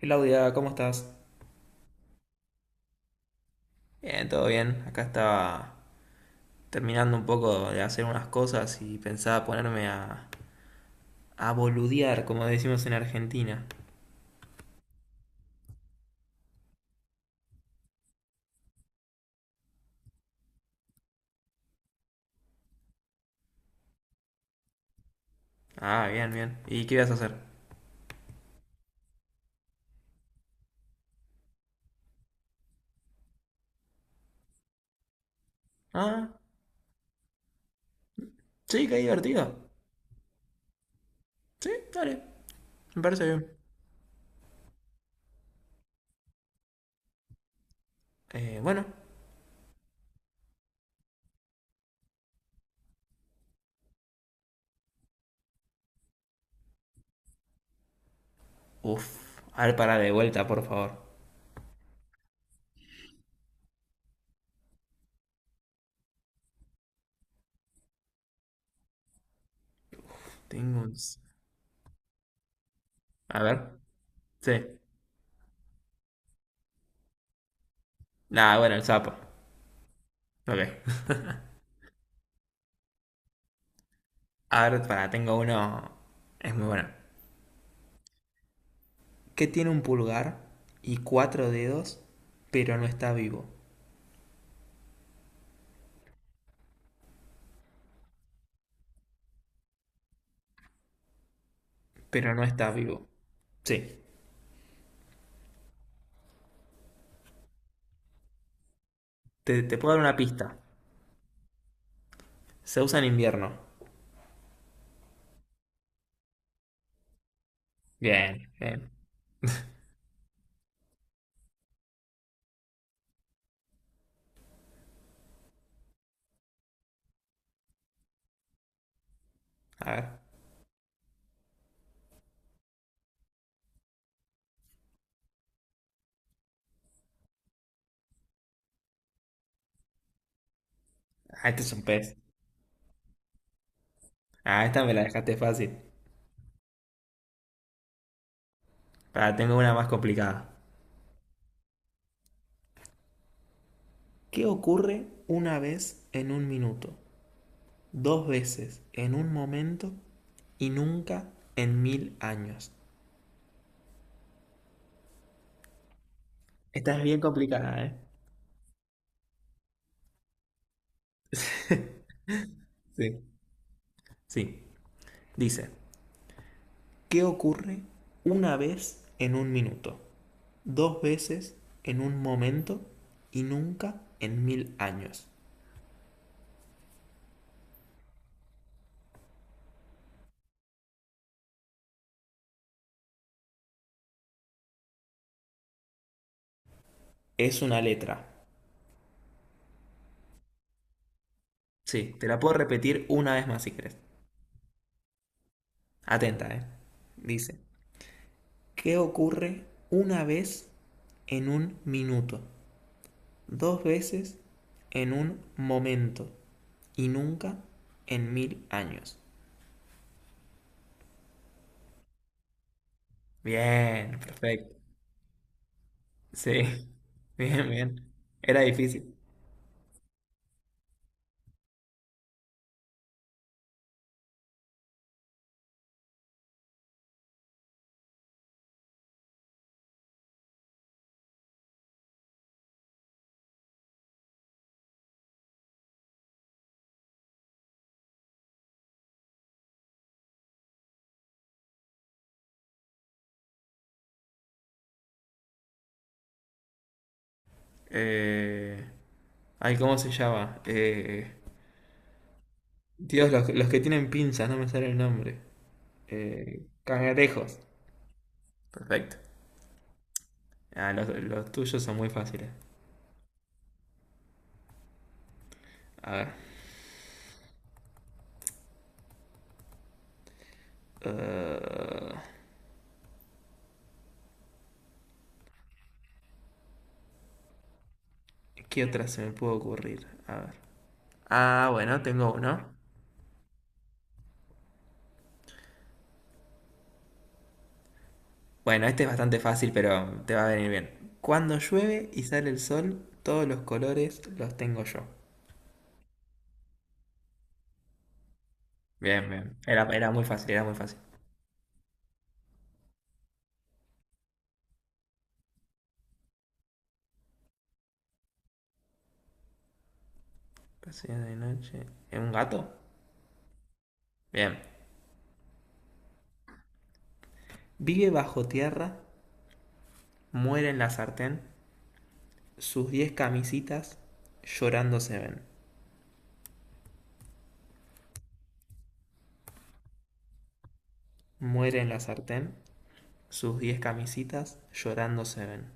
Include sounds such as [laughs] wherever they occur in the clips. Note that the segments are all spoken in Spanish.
Claudia, ¿cómo estás? Bien, todo bien. Acá estaba terminando un poco de hacer unas cosas y pensaba ponerme a boludear, como decimos en Argentina. Ah, bien, bien. ¿Y qué ibas a hacer? Ah, sí, qué divertido. Sí, dale. Me parece bien. Bueno. Uf. A ver, para de vuelta, por favor. Tengo un... s- A ver. Sí. Nah, bueno, el sapo. Ok. [laughs] A ver, para, tengo uno... Es muy bueno. Que tiene un pulgar y cuatro dedos, pero no está vivo. Pero no está vivo. Sí. Te puedo dar una pista. Se usa en invierno. Bien, bien. A ver. Ah, este es un pez. Ah, esta me la dejaste fácil. Ahora tengo una más complicada. ¿Qué ocurre una vez en un minuto? Dos veces en un momento y nunca en mil años. Esta es bien complicada, ¿eh? Sí. Sí. Dice, ¿qué ocurre una vez en un minuto? Dos veces en un momento y nunca en mil años. Es una letra. Sí, te la puedo repetir una vez más si querés. Atenta, ¿eh? Dice, ¿qué ocurre una vez en un minuto? Dos veces en un momento y nunca en mil años. Bien, perfecto. Sí, [laughs] bien, bien. Era difícil. Eh... Ay, ¿cómo se llama? Dios, los que tienen pinzas, no me sale el nombre. Cangrejos. Perfecto. Ah, los tuyos son muy fáciles. A ver. eh, ¿Qué otra se me puede ocurrir? A ver. Ah, bueno, tengo uno. Bueno, este es bastante fácil, pero te va a venir bien. Cuando llueve y sale el sol, todos los colores los tengo yo. Bien, bien. Era, era muy fácil, era muy fácil. Paseo de noche. ¿Es un gato? Bien. Vive bajo tierra, muere en la sartén. Sus diez camisitas llorando se ven. Muere en la sartén. Sus diez camisitas llorando se ven.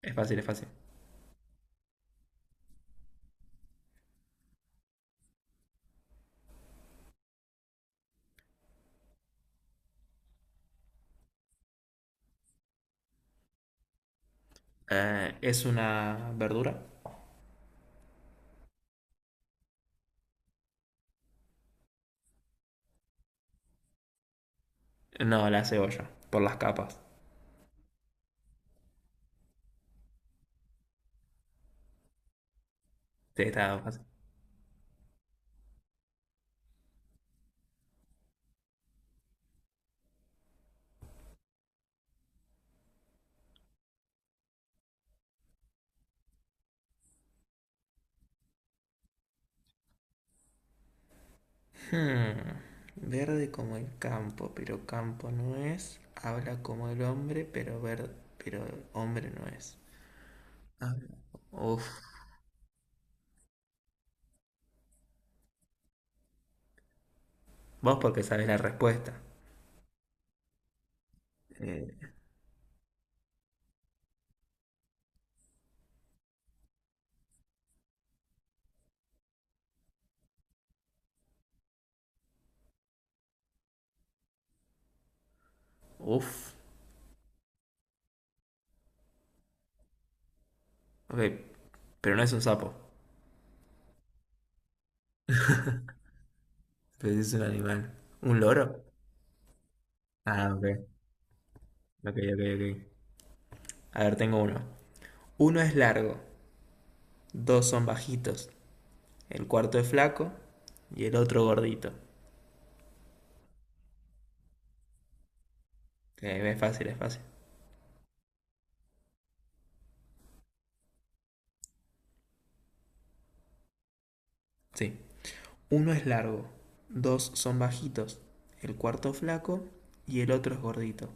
Es fácil, es fácil. ¿Es una verdura? No, la cebolla. Por las capas. Te está fácil. Hmm, verde como el campo, pero campo no es. Habla como el hombre, pero verde, pero hombre no es. Ah, uf. Vos porque sabés la respuesta. Eh, uf. Ok. Pero no es un sapo. Pues es un animal. ¿Un loro? Ah, ok. Ok, ok, ok. A ver, tengo uno. Uno es largo, dos son bajitos, el cuarto es flaco y el otro gordito. Es fácil, es fácil. Sí. Uno es largo, dos son bajitos, el cuarto es flaco y el otro es gordito.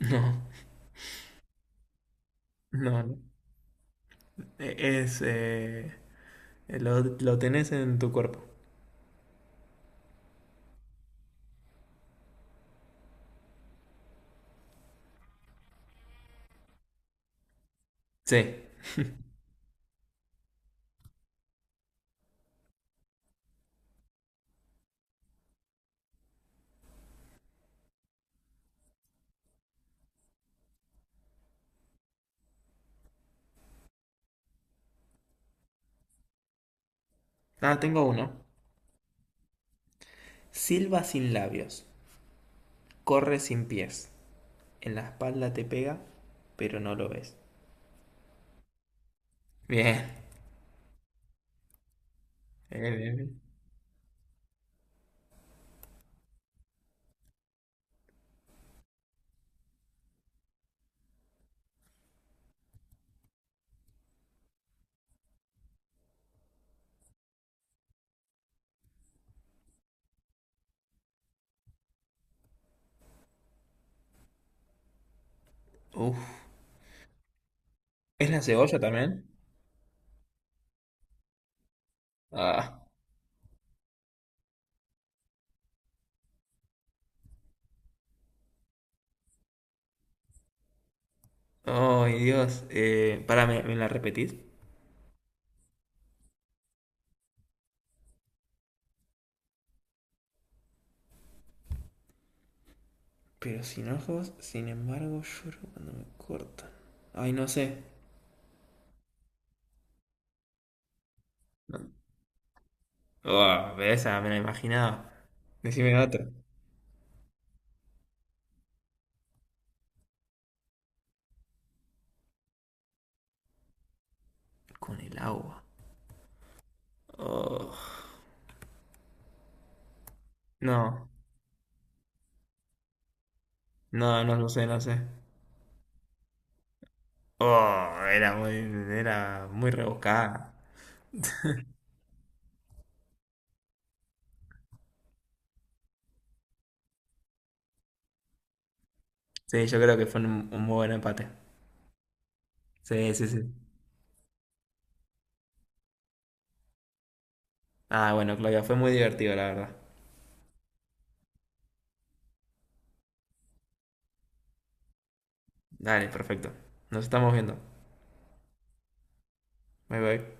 [laughs] No, no, no. E- Es, eh, lo tenés en tu cuerpo. Sí. Ah, tengo uno. Silba sin labios, corre sin pies. En la espalda te pega, pero no lo ves. Bien. Bien, bien, bien. Uf. ¿Es la cebolla también? Ah. Oh Dios. Pará, ¿me la repetís? Pero sin ojos, sin embargo, lloro cuando me cortan. Ay, no sé. No. Ah, pero esa me la imaginaba. Decime otra. Con el agua. Oh. No, no, no lo sé, no sé. Oh, era muy rebuscada. Sí, yo creo que fue un muy buen empate. Sí, sí, sí. Ah, bueno, Claudia, fue muy divertido, la verdad. Dale, perfecto. Nos estamos viendo. Bye bye.